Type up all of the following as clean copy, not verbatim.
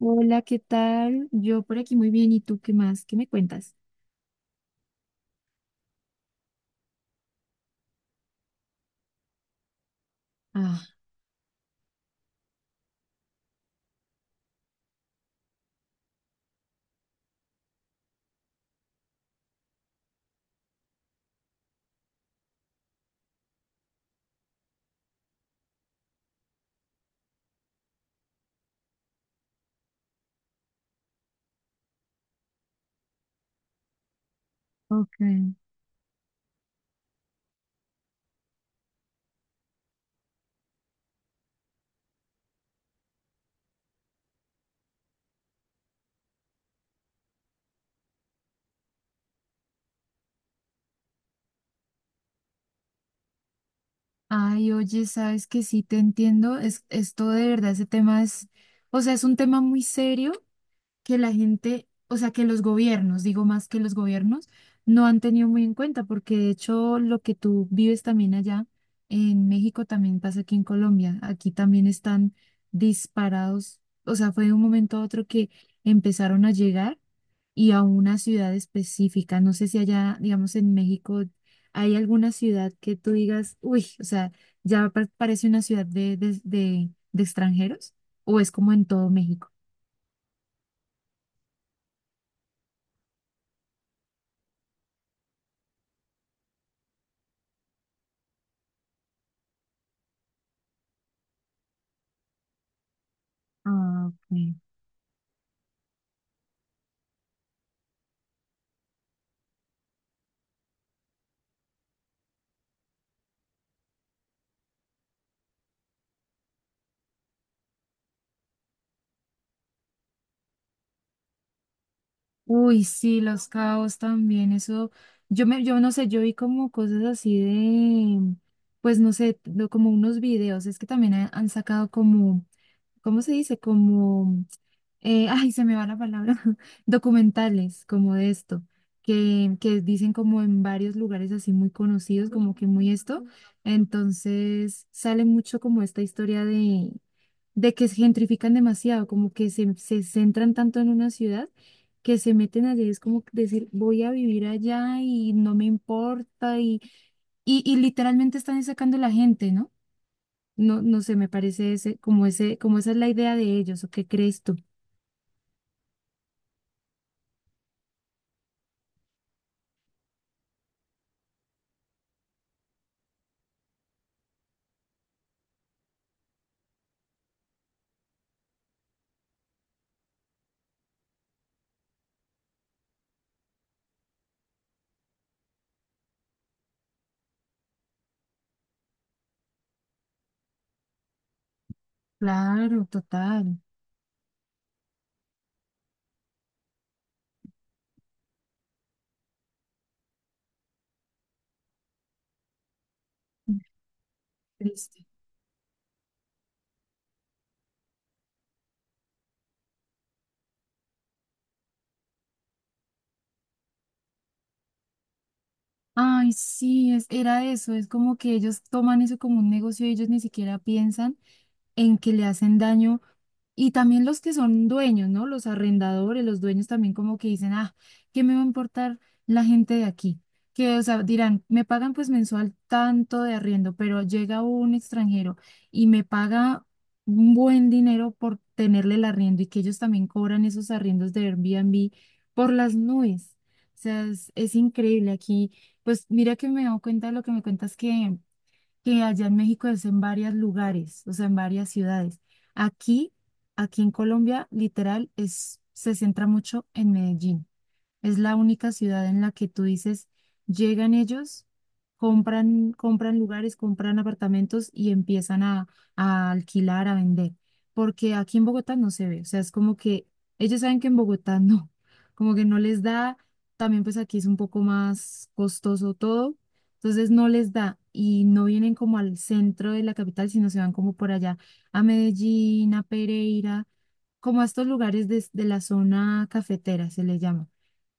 Hola, ¿qué tal? Yo por aquí muy bien. ¿Y tú qué más? ¿Qué me cuentas? Ah, ok. Ay, oye, sabes que sí te entiendo. Es, esto de verdad, ese tema es, o sea, es un tema muy serio que la gente, o sea, que los gobiernos, digo más que los gobiernos, no han tenido muy en cuenta, porque de hecho lo que tú vives también allá en México también pasa aquí en Colombia. Aquí también están disparados, o sea, fue de un momento a otro que empezaron a llegar, y a una ciudad específica. No sé si allá, digamos, en México hay alguna ciudad que tú digas, uy, o sea, ya parece una ciudad de extranjeros o es como en todo México. Ah, ok. Uy, sí, Los Cabos también, eso, yo no sé, yo vi como cosas así de, pues no sé, como unos videos, es que también han sacado como ¿cómo se dice? Como, ay, se me va la palabra, documentales como de esto, que dicen como en varios lugares así muy conocidos, como que muy esto. Entonces sale mucho como esta historia de que se gentrifican demasiado, como que se centran tanto en una ciudad que se meten allí, es como decir, voy a vivir allá y no me importa y literalmente están sacando la gente, ¿no? No, no sé, me parece ese, como esa es la idea de ellos, ¿o qué crees tú? Claro, total. Triste. Ay, sí, es, era eso. Es como que ellos toman eso como un negocio y ellos ni siquiera piensan en que le hacen daño. Y también los que son dueños, ¿no? Los arrendadores, los dueños también como que dicen, ah, ¿qué me va a importar la gente de aquí? Que, o sea, dirán, me pagan pues mensual tanto de arriendo, pero llega un extranjero y me paga un buen dinero por tenerle el arriendo y que ellos también cobran esos arriendos de Airbnb por las nubes. O sea, es increíble aquí. Pues mira que me he dado cuenta de lo que me cuentas que allá en México es en varios lugares, o sea, en varias ciudades. Aquí, aquí en Colombia, literal, es, se centra mucho en Medellín. Es la única ciudad en la que tú dices, llegan ellos, compran, compran lugares, compran apartamentos y empiezan a alquilar, a vender. Porque aquí en Bogotá no se ve. O sea, es como que ellos saben que en Bogotá no, como que no les da. También pues aquí es un poco más costoso todo. Entonces no les da y no vienen como al centro de la capital, sino se van como por allá a Medellín, a Pereira, como a estos lugares de la zona cafetera, se le llama.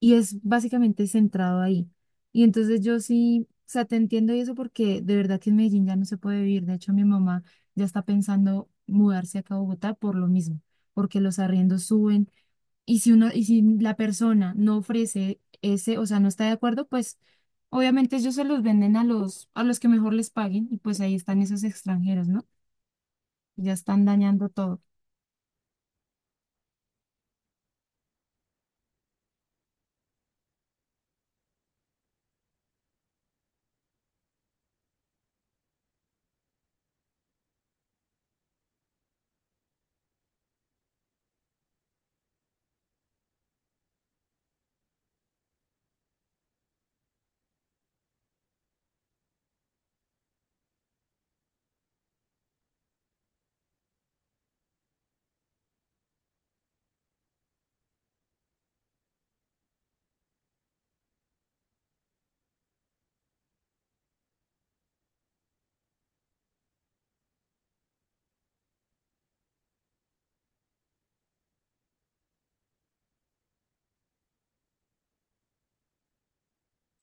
Y es básicamente centrado ahí. Y entonces yo sí, o sea, te entiendo y eso porque de verdad que en Medellín ya no se puede vivir. De hecho, mi mamá ya está pensando mudarse acá a Bogotá por lo mismo, porque los arriendos suben. Y si uno, y si la persona no ofrece ese, o sea, no está de acuerdo, pues obviamente ellos se los venden a los que mejor les paguen, y pues ahí están esos extranjeros, ¿no? Ya están dañando todo.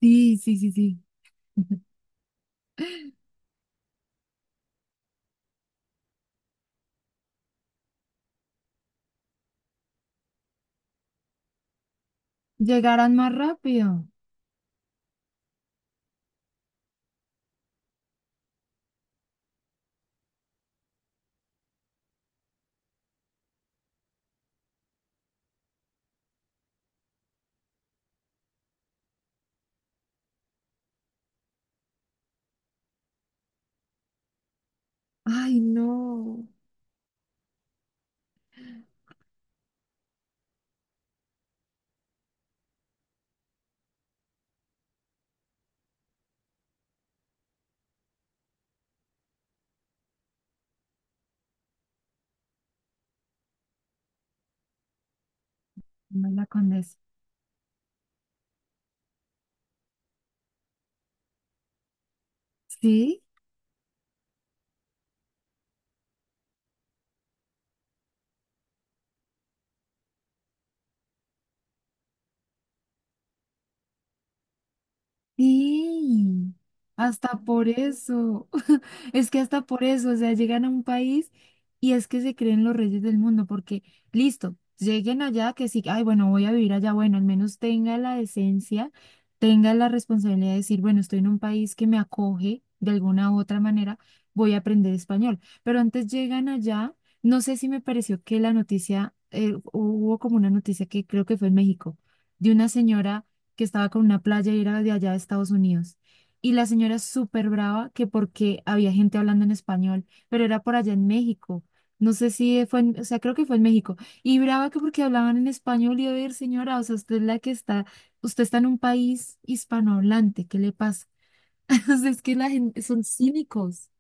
Sí, sí, sí, sí. Llegarán más rápido. Ay, no. No la condesa. ¿Sí? Sí, hasta por eso, es que hasta por eso, o sea, llegan a un país y es que se creen los reyes del mundo, porque listo, lleguen allá que sí, ay, bueno, voy a vivir allá, bueno, al menos tenga la decencia, tenga la responsabilidad de decir, bueno, estoy en un país que me acoge de alguna u otra manera, voy a aprender español, pero antes llegan allá, no sé si me pareció que la noticia, hubo como una noticia que creo que fue en México, de una señora que estaba con una playa y era de allá de Estados Unidos. Y la señora súper brava que porque había gente hablando en español, pero era por allá en México. No sé si fue, o sea, creo que fue en México. Y brava que porque hablaban en español y a ver, señora, o sea, usted es la que está, usted está en un país hispanohablante, ¿qué le pasa? O sea, es que la gente, son cínicos.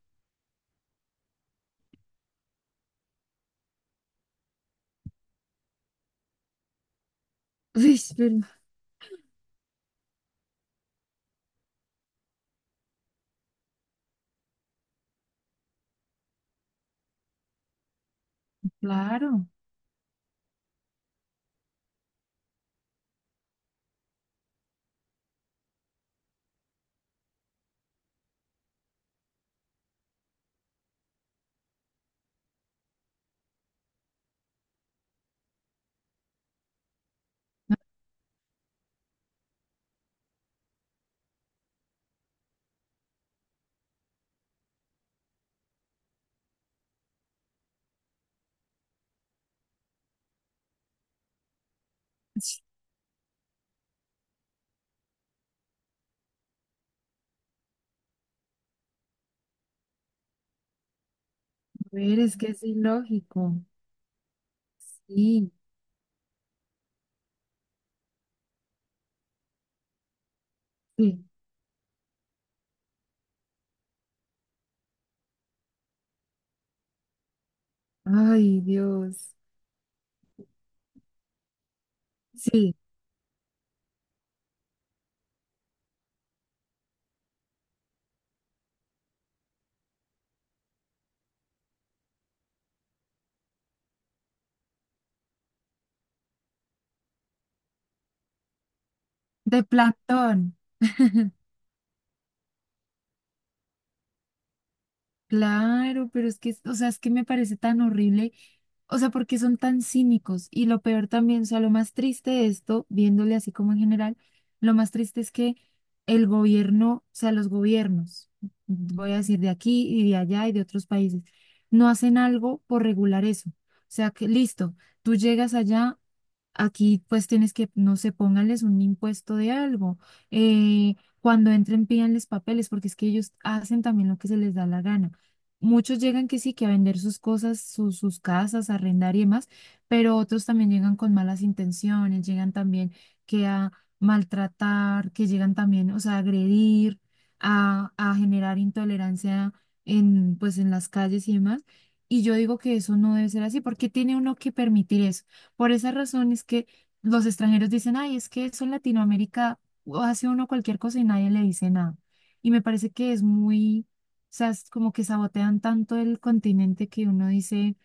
Uy, pero, claro. A ver, es que es ilógico. Sí, sí. Ay, Dios. Sí, de Platón. Claro, pero es que, o sea, es que me parece tan horrible, o sea, porque son tan cínicos y lo peor también, o sea, lo más triste de esto, viéndole así como en general, lo más triste es que el gobierno, o sea, los gobiernos, voy a decir de aquí y de allá y de otros países, no hacen algo por regular eso. O sea, que listo, tú llegas allá. Aquí pues tienes que, no sé, pónganles un impuesto de algo. Eh, cuando entren, pídanles papeles, porque es que ellos hacen también lo que se les da la gana. Muchos llegan que sí, que a vender sus cosas, sus, sus casas, a arrendar y demás, pero otros también llegan con malas intenciones, llegan también que a maltratar, que llegan también, o sea, a agredir, a generar intolerancia en, pues, en las calles y demás. Y yo digo que eso no debe ser así, porque tiene uno que permitir eso. Por esa razón es que los extranjeros dicen, ay, es que eso en Latinoamérica hace uno cualquier cosa y nadie le dice nada. Y me parece que es muy, o sea, es como que sabotean tanto el continente que uno dice,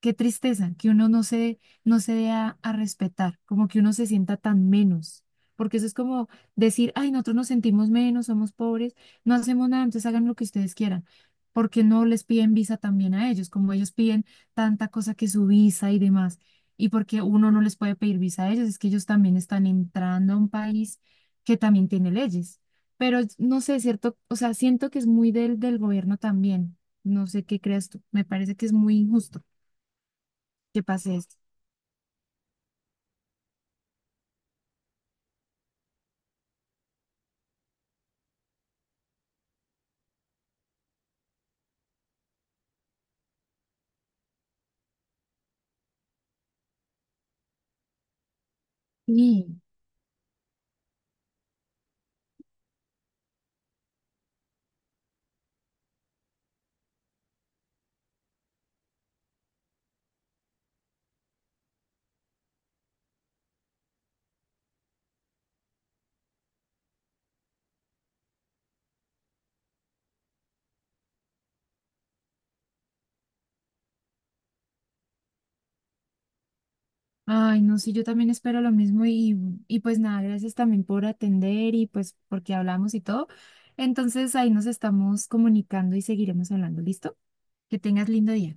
qué tristeza que uno no se dé a respetar, como que uno se sienta tan menos, porque eso es como decir, ay, nosotros nos sentimos menos, somos pobres, no hacemos nada, entonces hagan lo que ustedes quieran, porque no les piden visa también a ellos, como ellos piden tanta cosa que su visa y demás, y porque uno no les puede pedir visa a ellos, es que ellos también están entrando a un país que también tiene leyes, pero no sé, cierto, o sea, siento que es muy del, del gobierno también, no sé qué creas tú, me parece que es muy injusto que pase esto. Sí. Ay, no, sí, yo también espero lo mismo y pues nada, gracias también por atender y pues porque hablamos y todo. Entonces ahí nos estamos comunicando y seguiremos hablando, ¿listo? Que tengas lindo día.